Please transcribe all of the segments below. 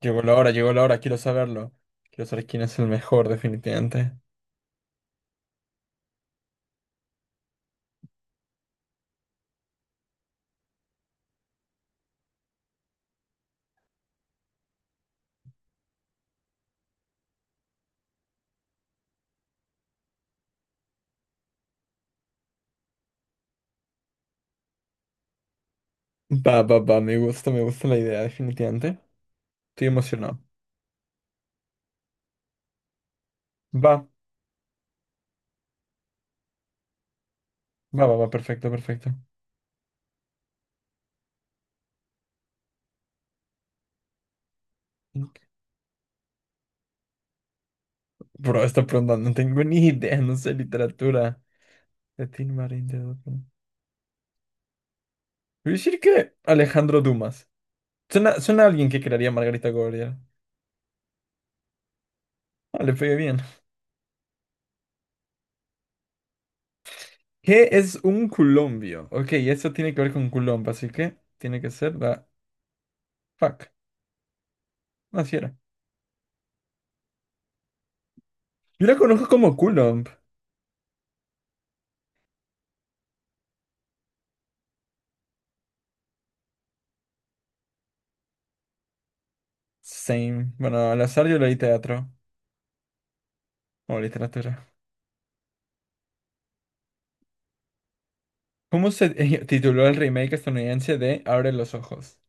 Llegó la hora, quiero saberlo. Quiero saber quién es el mejor, definitivamente. Va, va, va, me gusta la idea, definitivamente. Estoy emocionado. Va, va, va, va, perfecto, perfecto. Bro, esta pregunta no tengo ni idea, no sé literatura. Latín, Marín, de Doping. Voy a decir que Alejandro Dumas. Suena, suena a alguien que crearía Margarita Gabriel. Ah, le pegué bien. ¿Qué es un colombio? Ok, eso tiene que ver con Coulomb, así que tiene que ser la... Fuck, así era. Yo la conozco como Coulomb. Same. Bueno, al azar yo leí teatro o literatura. ¿Cómo se tituló el remake estadounidense de Abre los ojos?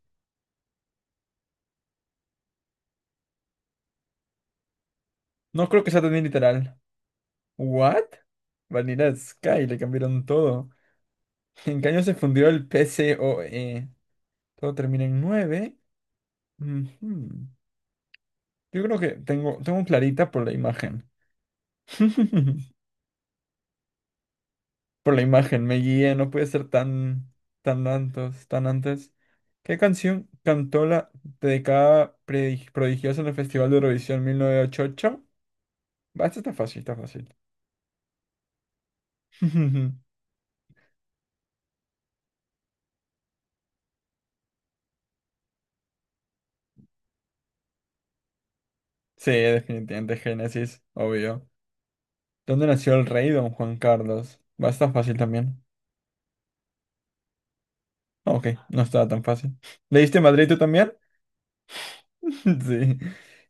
No creo que sea tan literal. ¿What? Vanilla Sky, le cambiaron todo. ¿En qué año se fundió el PCOE? Todo termina en 9. Ujú. Yo creo que tengo clarita por la imagen. Por la imagen, me guié, no puede ser tan, tan antes, tan antes. ¿Qué canción cantó la dedicada prodigiosa en el Festival de Eurovisión 1988? Va, esta está fácil, está fácil. Sí, definitivamente, Génesis, obvio. ¿Dónde nació el rey Don Juan Carlos? Va, está fácil también. Ah, ok, no estaba tan fácil. ¿Leíste Madrid tú también? Sí.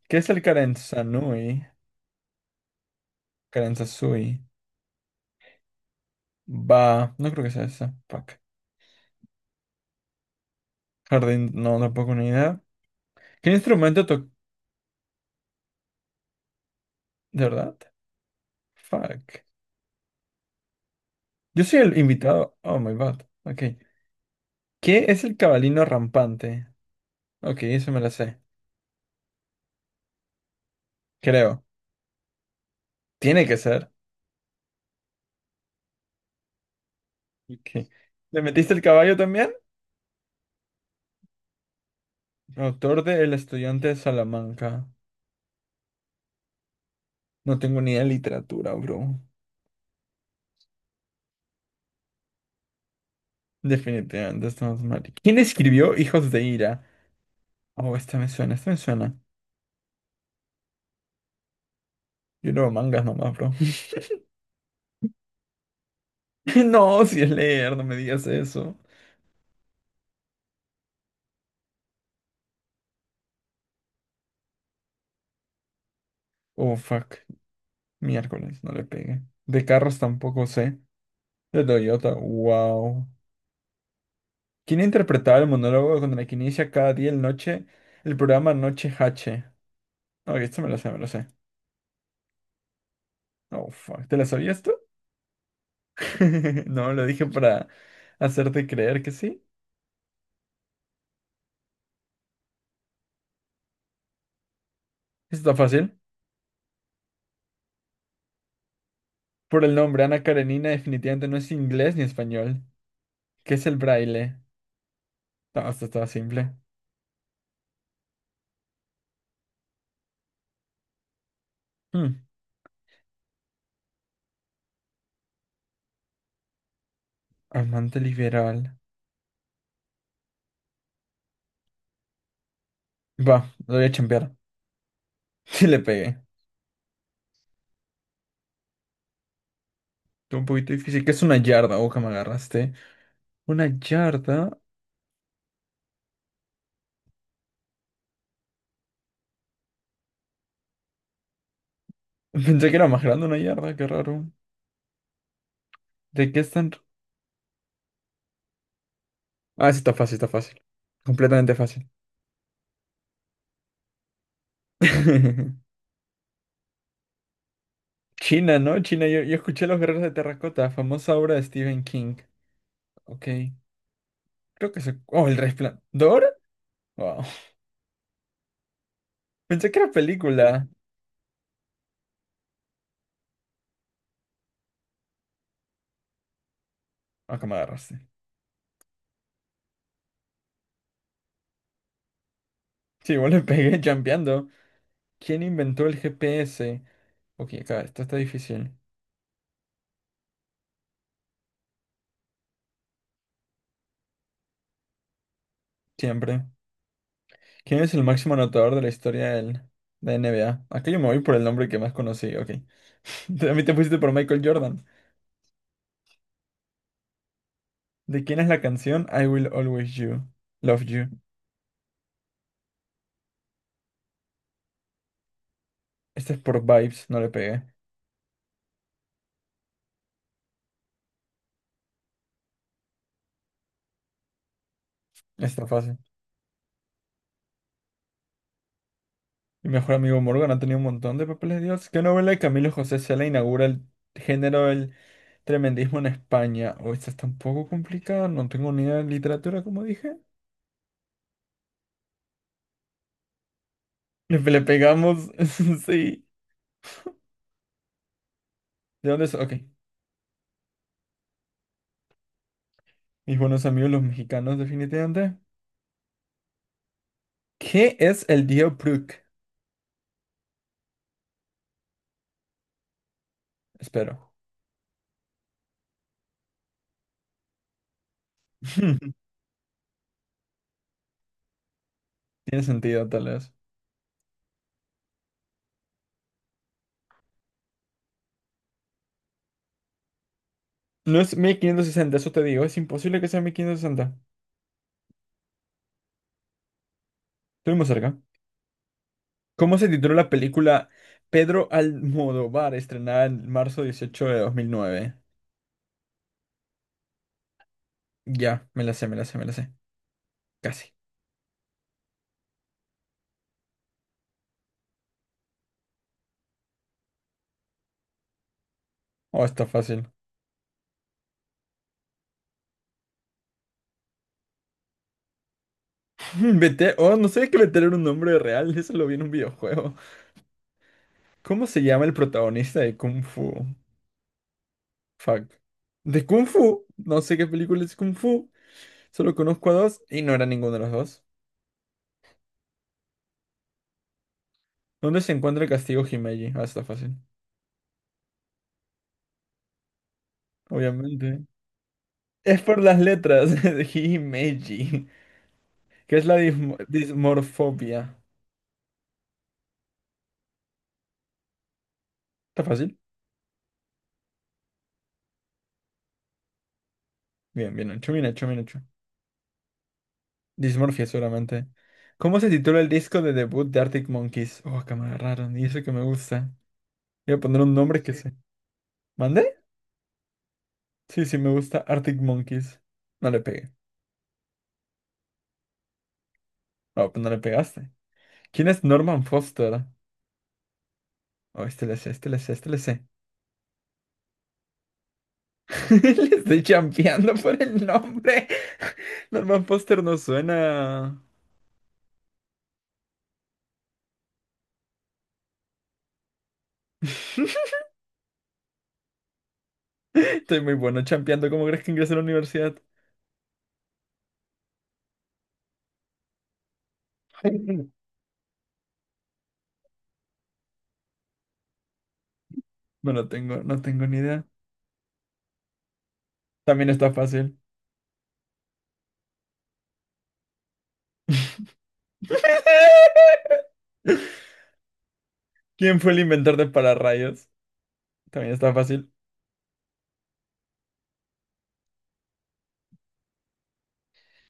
¿Qué es el Karen Karansasui? Va. No creo que sea esa. Fuck. Jardín. No, tampoco ni idea. ¿Qué instrumento toca? ¿De verdad? Fuck. Yo soy el invitado. Oh my god. Ok. ¿Qué es el cabalino rampante? Ok, eso me la sé. Creo. Tiene que ser. Ok. ¿Le metiste el caballo también? Autor de El estudiante de Salamanca. No tengo ni idea de literatura, bro. Definitivamente estamos mal. ¿Quién escribió Hijos de Ira? Oh, esta me suena, esta me suena. Yo leo mangas nomás, bro. No, si es leer, no me digas eso. Oh, fuck. Miércoles, no le pegué. De carros tampoco sé. De Toyota, wow. ¿Quién interpretaba el monólogo con el que inicia cada día el programa Noche H? No, esto me lo sé, me lo sé. Oh, fuck. ¿Te la sabías tú? No, lo dije para hacerte creer que sí. Esto está fácil. Por el nombre, Ana Karenina definitivamente no es inglés ni español. ¿Qué es el braille? No, esto estaba simple. Hmm. Amante liberal. Va, lo voy a chambear. Sí le pegué. Fue un poquito difícil. ¿Qué es una yarda? Ojo, me agarraste. Una yarda. Pensé que era más grande una yarda, qué raro. ¿De qué están? Ah, sí está fácil, está fácil. Completamente fácil. China, ¿no? China, yo escuché Los Guerreros de Terracota, famosa obra de Stephen King. Ok. Creo que se. Oh, El Resplandor. Wow. Pensé que era película. Acá me agarraste. Sí, igual le pegué champeando. ¿Quién inventó el GPS? Ok, acá, esto está difícil. Siempre. ¿Quién es el máximo anotador de la historia del, de NBA? Aquí yo me voy por el nombre que más conocí, ok. A mí te pusiste por Michael Jordan. ¿De quién es la canción I Will Always You, Love You? Esta es por Vibes, no le pegué. Está fácil. Mi mejor amigo Morgan ha tenido un montón de papeles de Dios. ¿Qué novela de Camilo José Cela inaugura el género del tremendismo en España? Oh, esta está un poco complicada, no tengo ni idea de literatura, como dije. Le pegamos, sí. ¿De dónde es? Ok. Mis buenos amigos los mexicanos, definitivamente. ¿Qué es el Diobruch? Espero. Tiene sentido, tal vez. No es 1560, eso te digo. Es imposible que sea 1560. Estuvimos cerca. ¿Cómo se tituló la película Pedro Almodóvar, estrenada en marzo 18 de 2009? Ya, me la sé, me la sé, me la sé. Casi. Oh, está fácil. Vete, oh, no sé que meter un nombre real. Eso lo vi en un videojuego. ¿Cómo se llama el protagonista de Kung Fu? Fuck. ¿De Kung Fu? No sé qué película es Kung Fu. Solo conozco a dos y no era ninguno de los dos. ¿Dónde se encuentra el castigo Himeji? Ah, está fácil. Obviamente. Es por las letras de Himeji, que es la dismorfobia. ¿Está fácil? Bien, bien hecho, bien hecho, bien hecho. Dismorfia, seguramente. ¿Cómo se titula el disco de debut de Arctic Monkeys? Oh, que me agarraron, y eso que me gusta. Voy a poner un nombre que sé. ¿Mandé? Sí, sí, me gusta Arctic Monkeys. No le pegué. Oh, pues no le pegaste. ¿Quién es Norman Foster? Oh, este le sé, este le sé, este le sé. Le estoy champeando por el nombre. Norman Foster no suena. Estoy muy bueno champeando. ¿Cómo crees que ingresé a la universidad? No lo tengo, no tengo ni idea. También está fácil. ¿Quién fue el inventor de pararrayos? También está fácil.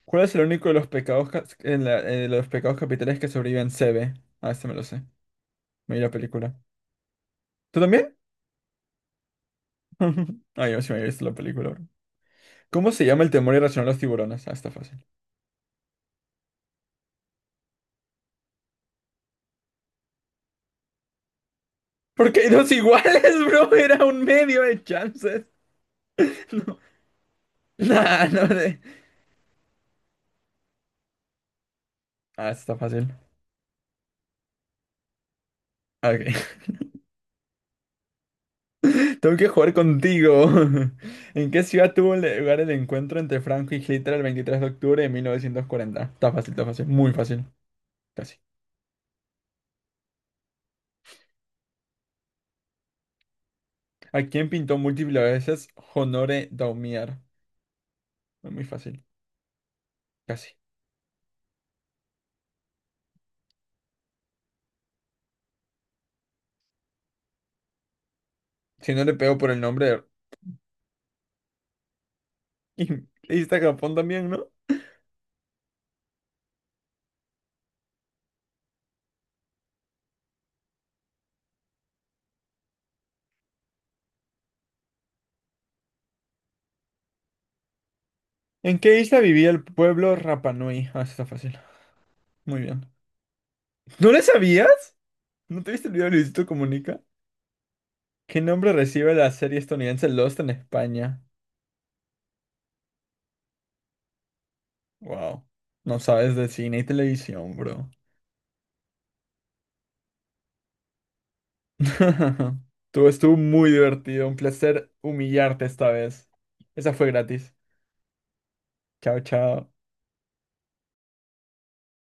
¿Cuál es el único de los pecados, los pecados capitales que sobreviven C B? Ah, este me lo sé. Me vi la película. ¿Tú también? Ah, yo sí me había visto la película. Bro. ¿Cómo se llama el temor irracional a los tiburones? Ah, está fácil. Porque hay dos iguales, bro. Era un medio de chances. No. Nah, no de. Ah, está fácil. Ok. Tengo que jugar contigo. ¿En qué ciudad tuvo lugar el encuentro entre Franco y Hitler el 23 de octubre de 1940? Está fácil, está fácil. Muy fácil. Casi. ¿A quién pintó múltiples veces Honoré Daumier? Muy fácil. Casi. Si no le pego por el nombre de... Isla Japón también, ¿no? ¿En qué isla vivía el pueblo Rapanui? Ah, eso está fácil. Muy bien. ¿No le sabías? ¿No te viste el video de Luisito Comunica? ¿Qué nombre recibe la serie estadounidense Lost en España? Wow. No sabes de cine y televisión, bro. Tú estuvo muy divertido. Un placer humillarte esta vez. Esa fue gratis. Chao, chao.